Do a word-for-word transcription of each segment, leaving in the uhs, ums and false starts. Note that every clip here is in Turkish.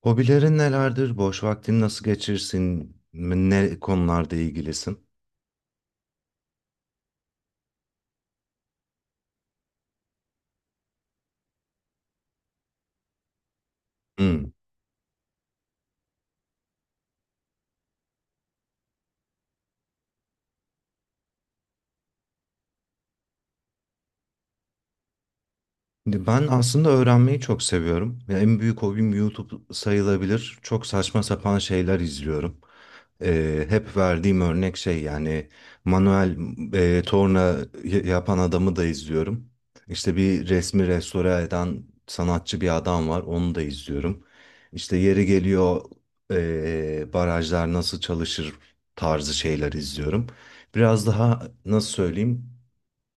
Hobilerin nelerdir? Boş vaktini nasıl geçirsin? Ne konularda ilgilisin? Hmm. Şimdi ben aslında öğrenmeyi çok seviyorum. Ya en büyük hobim YouTube sayılabilir. Çok saçma sapan şeyler izliyorum. Ee, hep verdiğim örnek şey, yani manuel e, torna y- yapan adamı da izliyorum. İşte bir resmi restore eden sanatçı bir adam var, onu da izliyorum. İşte yeri geliyor, e, barajlar nasıl çalışır tarzı şeyler izliyorum. Biraz daha nasıl söyleyeyim?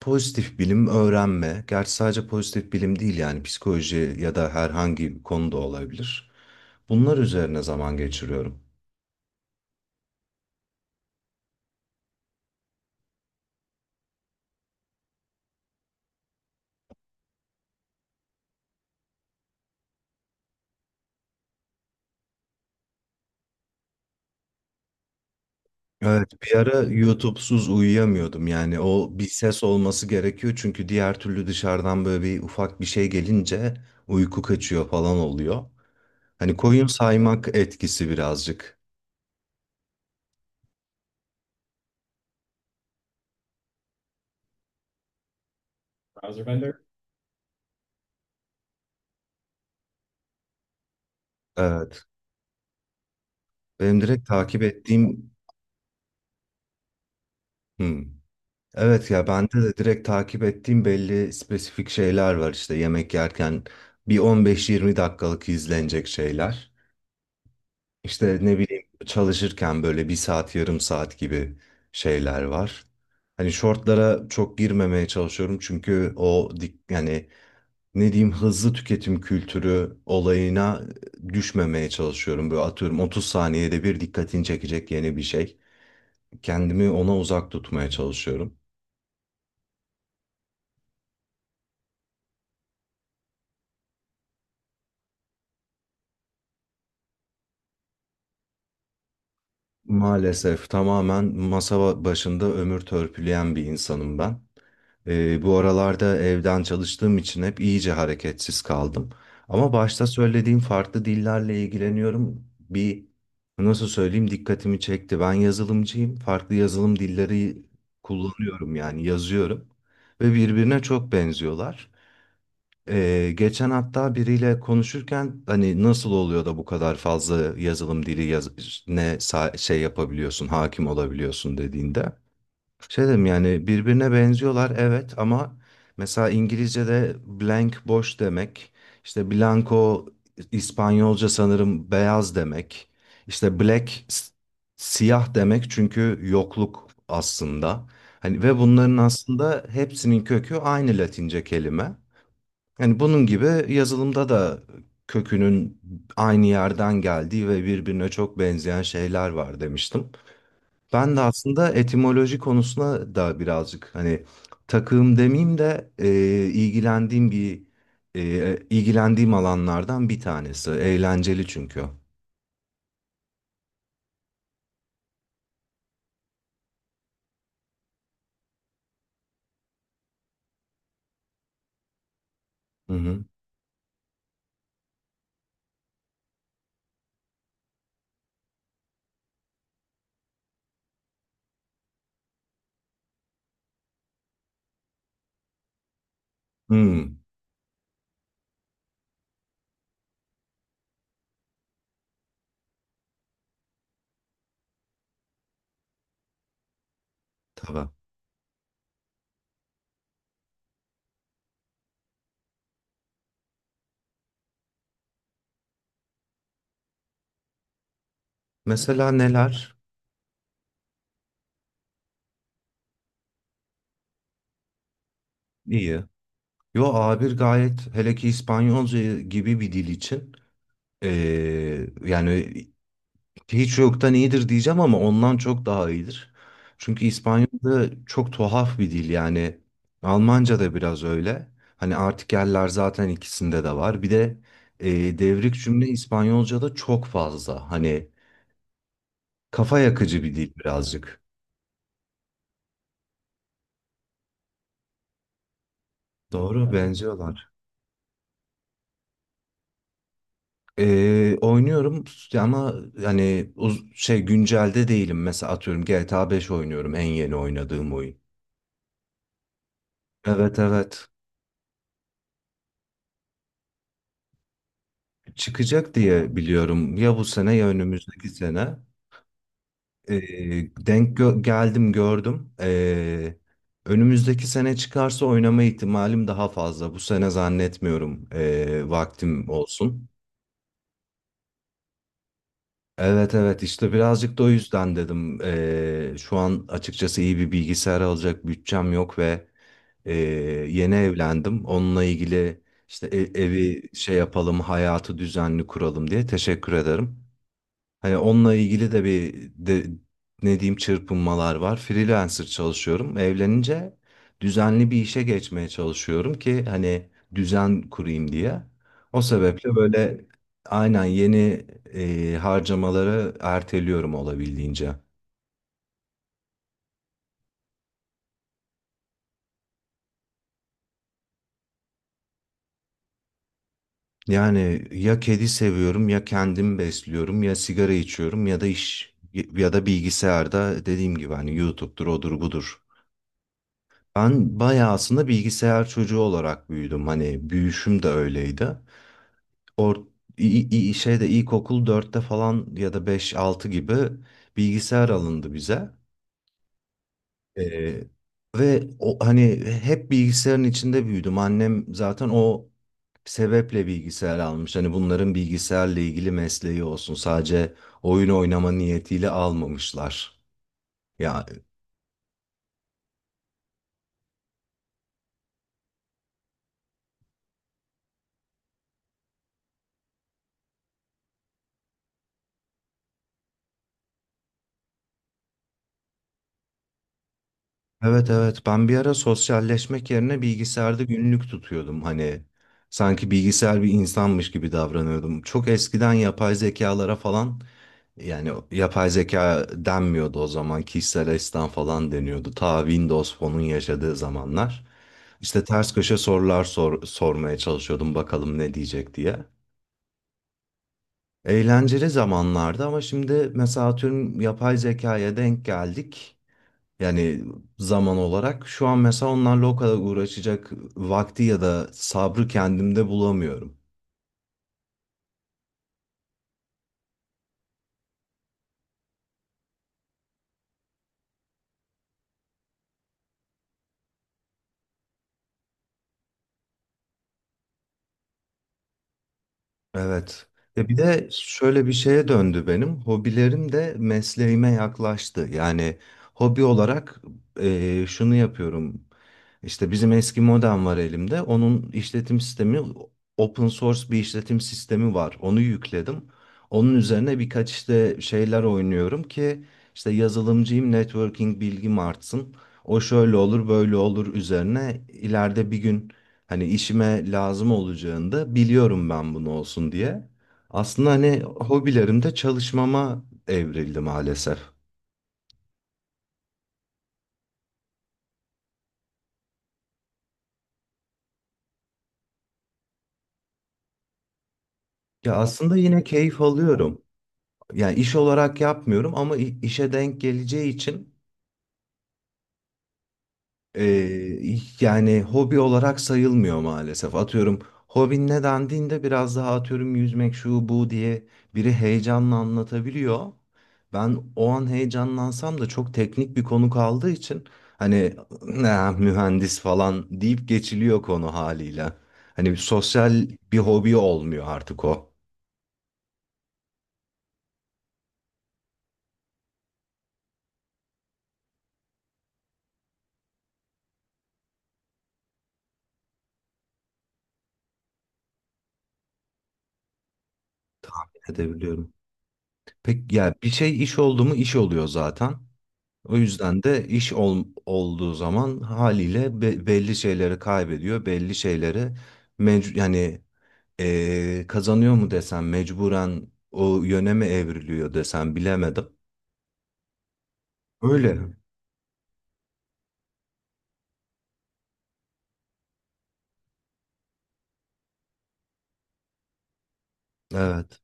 Pozitif bilim öğrenme. Gerçi sadece pozitif bilim değil, yani psikoloji ya da herhangi bir konuda olabilir. Bunlar üzerine zaman geçiriyorum. Evet, bir ara YouTube'suz uyuyamıyordum. Yani o, bir ses olması gerekiyor çünkü diğer türlü dışarıdan böyle bir ufak bir şey gelince uyku kaçıyor falan oluyor. Hani koyun saymak etkisi birazcık. Bazı ben de. Evet, benim direkt takip ettiğim... Hmm. Evet ya, bende de direkt takip ettiğim belli spesifik şeyler var, işte yemek yerken bir on beş yirmi dakikalık izlenecek şeyler. İşte ne bileyim çalışırken böyle bir saat yarım saat gibi şeyler var. Hani shortlara çok girmemeye çalışıyorum çünkü o dik, yani ne diyeyim hızlı tüketim kültürü olayına düşmemeye çalışıyorum. Böyle atıyorum otuz saniyede bir dikkatini çekecek yeni bir şey. Kendimi ona uzak tutmaya çalışıyorum. Maalesef tamamen masa ba- başında ömür törpüleyen bir insanım ben. Ee, bu aralarda evden çalıştığım için hep iyice hareketsiz kaldım. Ama başta söylediğim farklı dillerle ilgileniyorum. Bir nasıl söyleyeyim dikkatimi çekti. Ben yazılımcıyım. Farklı yazılım dilleri kullanıyorum, yani yazıyorum. Ve birbirine çok benziyorlar. Ee, geçen hatta biriyle konuşurken hani nasıl oluyor da bu kadar fazla yazılım dili yaz ne sa- şey yapabiliyorsun, hakim olabiliyorsun dediğinde. Şey dedim, yani birbirine benziyorlar evet ama mesela İngilizce'de blank boş demek, işte blanco İspanyolca sanırım beyaz demek, işte black s- siyah demek çünkü yokluk aslında. Hani ve bunların aslında hepsinin kökü aynı Latince kelime. Yani bunun gibi yazılımda da kökünün aynı yerden geldiği ve birbirine çok benzeyen şeyler var demiştim. Ben de aslında etimoloji konusuna da birazcık hani takığım demeyeyim de, e, ilgilendiğim bir, e, ilgilendiğim alanlardan bir tanesi. Eğlenceli çünkü. Hı hı. Hmm, tabii. Mesela neler? İyi. Yo A bir gayet, hele ki İspanyolca gibi bir dil için, e, yani hiç yoktan iyidir diyeceğim ama ondan çok daha iyidir. Çünkü İspanyolca çok tuhaf bir dil yani. Almanca da biraz öyle. Hani artikeller zaten ikisinde de var. Bir de e, devrik cümle İspanyolca'da çok fazla. Hani kafa yakıcı bir dil birazcık. Doğru benziyorlar. E, oynuyorum ama hani uz- şey, güncelde değilim. Mesela atıyorum G T A beş oynuyorum en yeni oynadığım oyun. Evet, evet. Çıkacak diye biliyorum. Ya bu sene ya önümüzdeki sene. Ee, denk gö- geldim, gördüm. Ee, önümüzdeki sene çıkarsa oynama ihtimalim daha fazla. Bu sene zannetmiyorum, ee, vaktim olsun. Evet, evet, işte birazcık da o yüzden dedim. Ee, şu an açıkçası iyi bir bilgisayar alacak bütçem yok ve ee, yeni evlendim. Onunla ilgili işte e- evi şey yapalım, hayatı düzenli kuralım diye teşekkür ederim. Hani onunla ilgili de bir de, ne diyeyim çırpınmalar var. Freelancer çalışıyorum. Evlenince düzenli bir işe geçmeye çalışıyorum ki hani düzen kurayım diye. O sebeple böyle, aynen yeni e, harcamaları erteliyorum olabildiğince. Yani ya kedi seviyorum ya kendim besliyorum ya sigara içiyorum ya da iş ya da bilgisayarda dediğim gibi hani YouTube'dur odur budur. Ben bayağı aslında bilgisayar çocuğu olarak büyüdüm. Hani büyüşüm de öyleydi. Or i- i- şeyde ilkokul dörtte falan ya da beş altı gibi bilgisayar alındı bize. Ee, ve o, hani hep bilgisayarın içinde büyüdüm. Annem zaten o sebeple bilgisayar almış. Hani bunların bilgisayarla ilgili mesleği olsun. Sadece oyun oynama niyetiyle almamışlar. Ya. Evet, evet, ben bir ara sosyalleşmek yerine bilgisayarda günlük tutuyordum hani sanki bilgisayar bir insanmış gibi davranıyordum. Çok eskiden yapay zekalara falan, yani yapay zeka denmiyordu o zaman, kişisel asistan falan deniyordu. Ta Windows Phone'un yaşadığı zamanlar işte ters köşe sorular sor- sormaya çalışıyordum bakalım ne diyecek diye. Eğlenceli zamanlardı ama şimdi mesela atıyorum yapay zekaya denk geldik. Yani zaman olarak şu an mesela onlarla o kadar uğraşacak vakti ya da sabrı kendimde bulamıyorum. Evet. Ve bir de şöyle bir şeye döndü benim. Hobilerim de mesleğime yaklaştı. Yani hobi olarak eee, şunu yapıyorum. İşte bizim eski modem var elimde. Onun işletim sistemi open source bir işletim sistemi var. Onu yükledim. Onun üzerine birkaç işte şeyler oynuyorum ki işte yazılımcıyım, networking bilgim artsın. O şöyle olur, böyle olur, üzerine ileride bir gün hani işime lazım olacağında biliyorum ben, bunu olsun diye. Aslında hani hobilerimde çalışmama evrildi maalesef. Ya aslında yine keyif alıyorum. Yani iş olarak yapmıyorum ama i- işe denk geleceği için. Ee, yani hobi olarak sayılmıyor maalesef. Atıyorum hobin ne dendiğinde biraz daha atıyorum yüzmek şu bu diye biri heyecanla anlatabiliyor. Ben o an heyecanlansam da çok teknik bir konu kaldığı için hani ne mühendis falan deyip geçiliyor konu haliyle. Hani bir sosyal bir hobi olmuyor artık o. Edebiliyorum. Peki ya bir şey iş oldu mu iş oluyor zaten. O yüzden de iş ol- olduğu zaman haliyle be- belli şeyleri kaybediyor, belli şeyleri mec- yani eee, kazanıyor mu desem, mecburen o yöne mi evriliyor desem bilemedim. Öyle. Evet.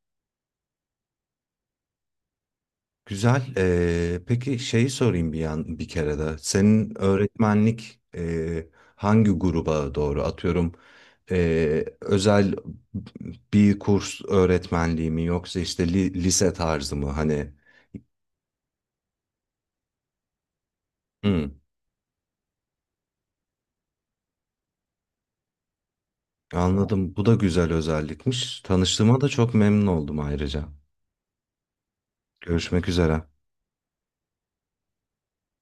Güzel. Eee, peki şeyi sorayım bir yan bir kere de. Senin öğretmenlik eee, hangi gruba doğru atıyorum? eee, özel bir kurs öğretmenliği mi yoksa işte li- lise tarzı mı hani? Hı. Anladım. Bu da güzel özellikmiş. Tanıştığıma da çok memnun oldum ayrıca. Görüşmek üzere.